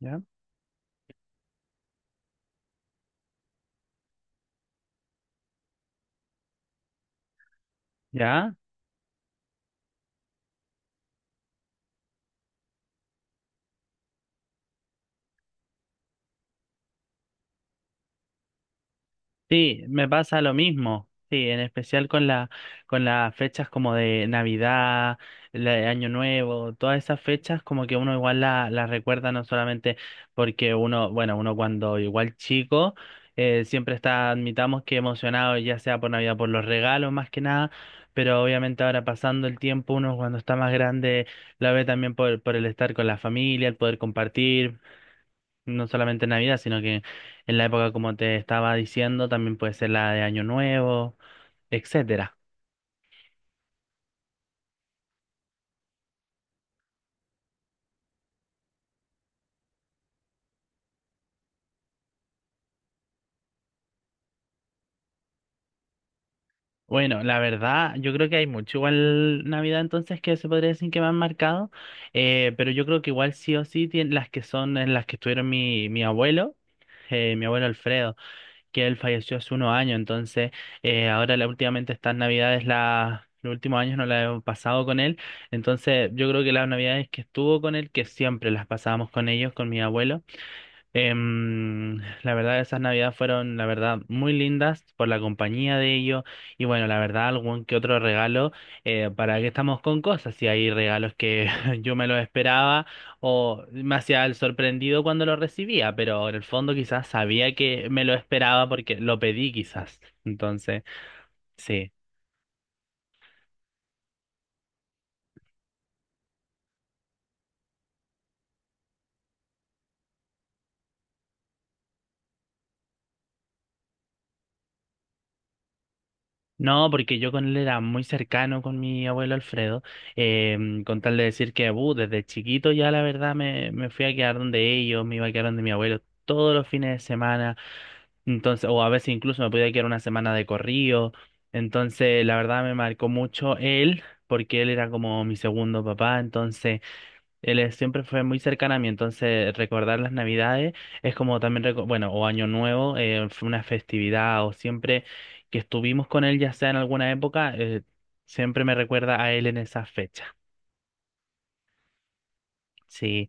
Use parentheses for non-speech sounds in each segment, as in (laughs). ¿Ya? ¿Ya? Sí, me pasa lo mismo. Sí, en especial con con las fechas como de Navidad, la de Año Nuevo, todas esas fechas como que uno igual las recuerda no solamente porque uno, bueno, uno cuando igual chico, siempre está, admitamos que emocionado, ya sea por Navidad, por los regalos más que nada, pero obviamente ahora pasando el tiempo, uno cuando está más grande la ve también por el estar con la familia, el poder compartir. No solamente en Navidad, sino que en la época, como te estaba diciendo, también puede ser la de Año Nuevo, etcétera. Bueno, la verdad, yo creo que hay mucho igual Navidad entonces que se podría decir que me han marcado, pero yo creo que igual sí o sí las que son en las que estuvieron mi abuelo Alfredo, que él falleció hace unos años, entonces últimamente estas Navidades, los últimos años no la he pasado con él, entonces yo creo que las Navidades que estuvo con él, que siempre las pasábamos con ellos, con mi abuelo. Em, la verdad, esas navidades fueron, la verdad, muy lindas por la compañía de ellos y bueno, la verdad, algún que otro regalo, para que estamos con cosas, si hay regalos que (laughs) yo me los esperaba o me hacía el sorprendido cuando lo recibía, pero en el fondo quizás sabía que me lo esperaba porque lo pedí quizás. Entonces, sí. No, porque yo con él era muy cercano con mi abuelo Alfredo, con tal de decir que desde chiquito ya la verdad me fui a quedar donde ellos, me iba a quedar donde mi abuelo todos los fines de semana, entonces, o a veces incluso me podía quedar una semana de corrido, entonces la verdad me marcó mucho él, porque él era como mi segundo papá, entonces... Siempre fue muy cercana a mí, entonces recordar las Navidades es como también, bueno, o Año Nuevo, fue una festividad, o siempre que estuvimos con él, ya sea en alguna época, siempre me recuerda a él en esa fecha. Sí,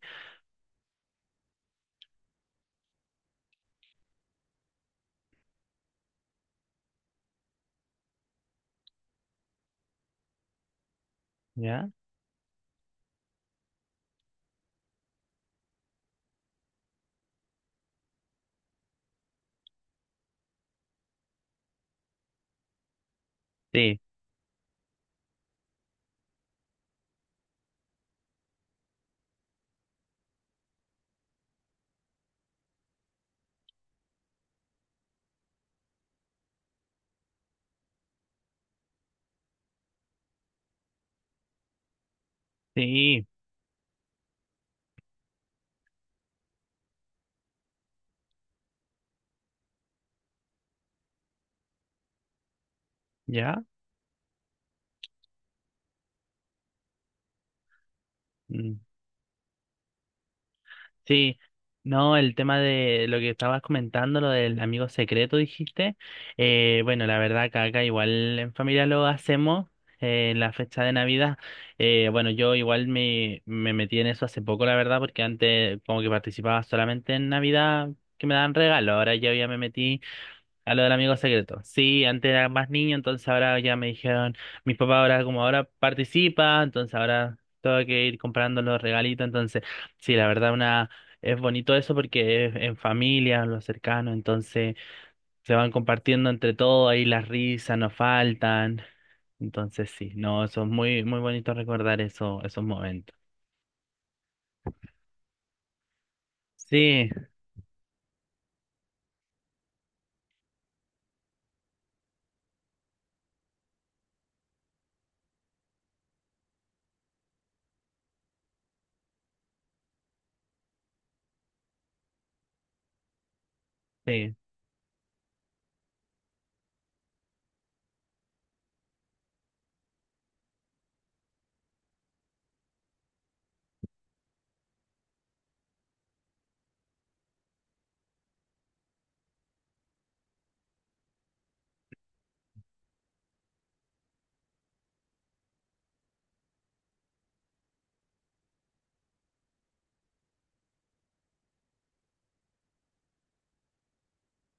¿ya? Sí, sí, ¿ya? Mm. Sí, no, el tema de lo que estabas comentando, lo del amigo secreto, dijiste. Bueno, la verdad que acá igual en familia lo hacemos en la fecha de Navidad. Bueno, yo igual me metí en eso hace poco, la verdad, porque antes como que participaba solamente en Navidad que me daban regalo. Ahora yo ya me metí a lo del amigo secreto. Sí, antes era más niño, entonces ahora ya me dijeron, mis papás ahora como ahora participa, entonces ahora tengo que ir comprando los regalitos, entonces sí, la verdad una es bonito eso porque es en familia, los cercanos, entonces se van compartiendo entre todos, ahí las risas no faltan, entonces sí, no, eso es muy muy bonito recordar eso, esos momentos. Sí, sí,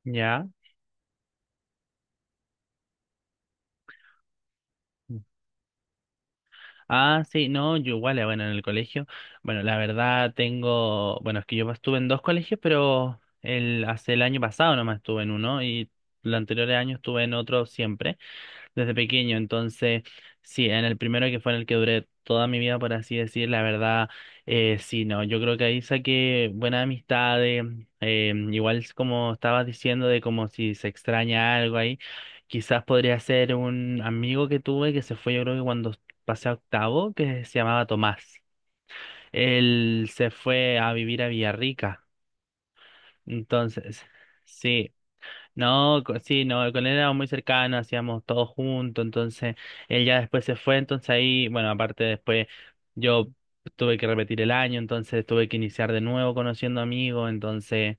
ya. Ah, sí, no, yo igual, bueno, en el colegio, bueno, la verdad tengo, bueno, es que yo estuve en dos colegios, pero hace el año pasado nomás estuve en uno y los anteriores años estuve en otro siempre desde pequeño. Entonces, sí, en el primero que fue en el que duré toda mi vida, por así decir, la verdad, sí, no, yo creo que ahí saqué buenas amistades, igual es como estabas diciendo de como si se extraña algo ahí, quizás podría ser un amigo que tuve que se fue, yo creo que cuando pasé a octavo, que se llamaba Tomás. Él se fue a vivir a Villarrica. Entonces, sí. No, sí, no, con él éramos muy cercanos, hacíamos todo juntos, entonces él ya después se fue, entonces ahí, bueno, aparte después yo tuve que repetir el año, entonces tuve que iniciar de nuevo conociendo amigos, entonces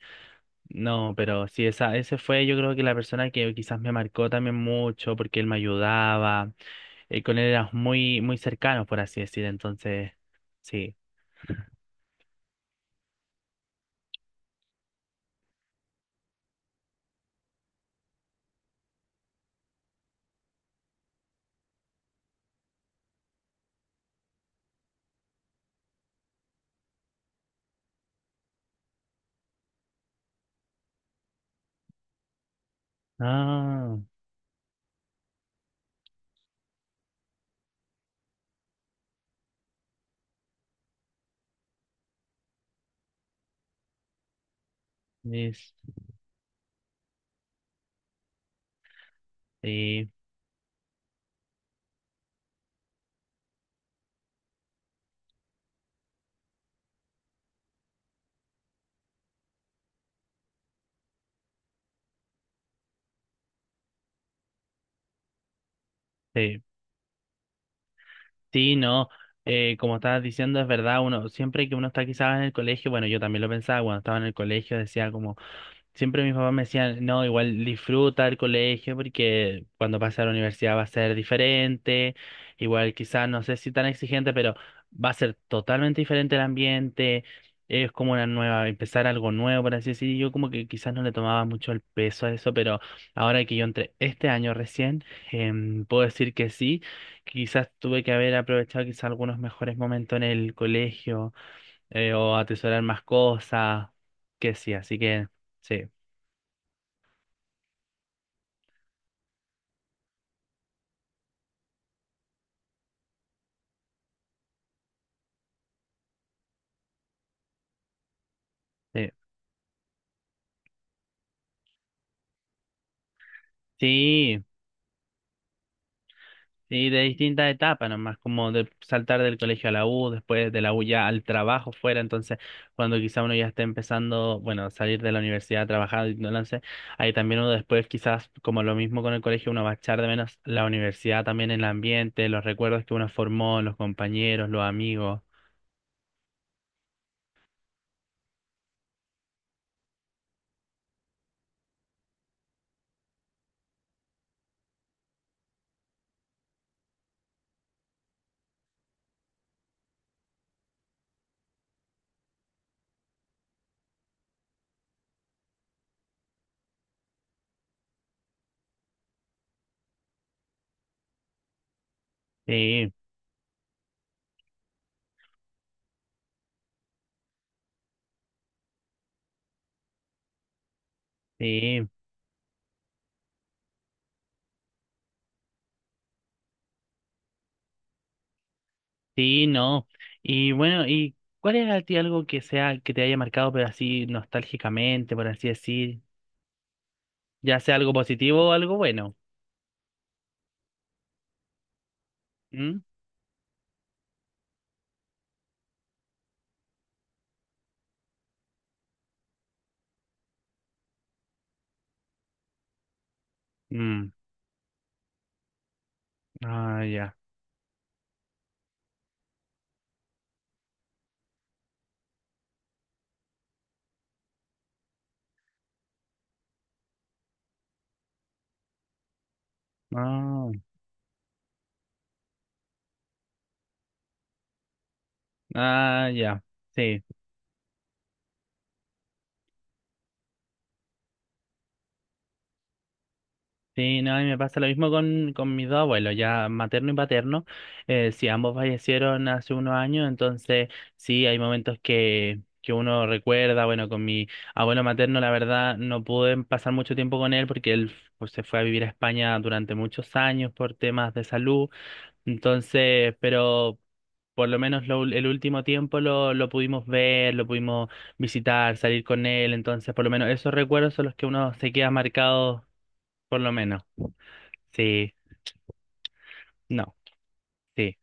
no, pero sí, ese fue yo creo que la persona que quizás me marcó también mucho porque él me ayudaba, con él éramos muy, muy cercanos, por así decir, entonces sí. (laughs) Ah, es- sí, sí. Sí, no, como estabas diciendo, es verdad, uno siempre que uno está quizás en el colegio, bueno, yo también lo pensaba cuando estaba en el colegio, decía como, siempre mis papás me decían, no, igual disfruta el colegio porque cuando pases a la universidad va a ser diferente, igual quizás no sé si tan exigente, pero va a ser totalmente diferente el ambiente, es como una nueva, empezar algo nuevo, por así decir, y yo como que quizás no le tomaba mucho el peso a eso, pero ahora que yo entré este año recién, puedo decir que sí, quizás tuve que haber aprovechado quizás algunos mejores momentos en el colegio, o atesorar más cosas, que sí, así que... Sí. Sí, sí, sí, de distintas etapas, nomás como de saltar del colegio a la U, después de la U ya al trabajo fuera, entonces cuando quizá uno ya esté empezando, bueno, salir de la universidad a trabajar, y no lo sé, ahí también uno después quizás como lo mismo con el colegio, uno va a echar de menos la universidad también, el ambiente, los recuerdos que uno formó, los compañeros, los amigos. Sí, sí, sí, no. Y bueno, ¿y cuál es a ti algo que sea, que te haya marcado, pero así nostálgicamente, por así decir? Ya sea algo positivo o algo bueno. ¿Mm? Mm. Ah, ya. Ah, ah, ya. Sí, sí, no, a mí me pasa lo mismo con mis dos abuelos, ya materno y paterno. Sí, ambos fallecieron hace unos años, entonces sí, hay momentos que uno recuerda. Bueno, con mi abuelo materno, la verdad, no pude pasar mucho tiempo con él porque él pues, se fue a vivir a España durante muchos años por temas de salud. Entonces, pero por lo menos lo el último tiempo lo pudimos ver, lo pudimos visitar, salir con él, entonces por lo menos esos recuerdos son los que uno se queda marcado, por lo menos. Sí, no, sí,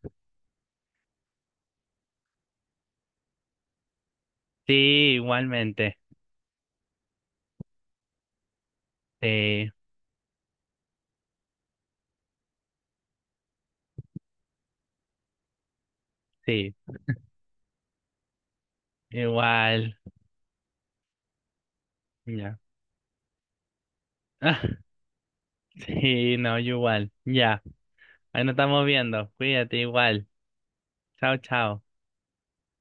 sí, igualmente, sí, sí, igual, ya. (laughs) Sí, no, yo igual, ya. Ahí nos estamos viendo, cuídate igual, chao, chao.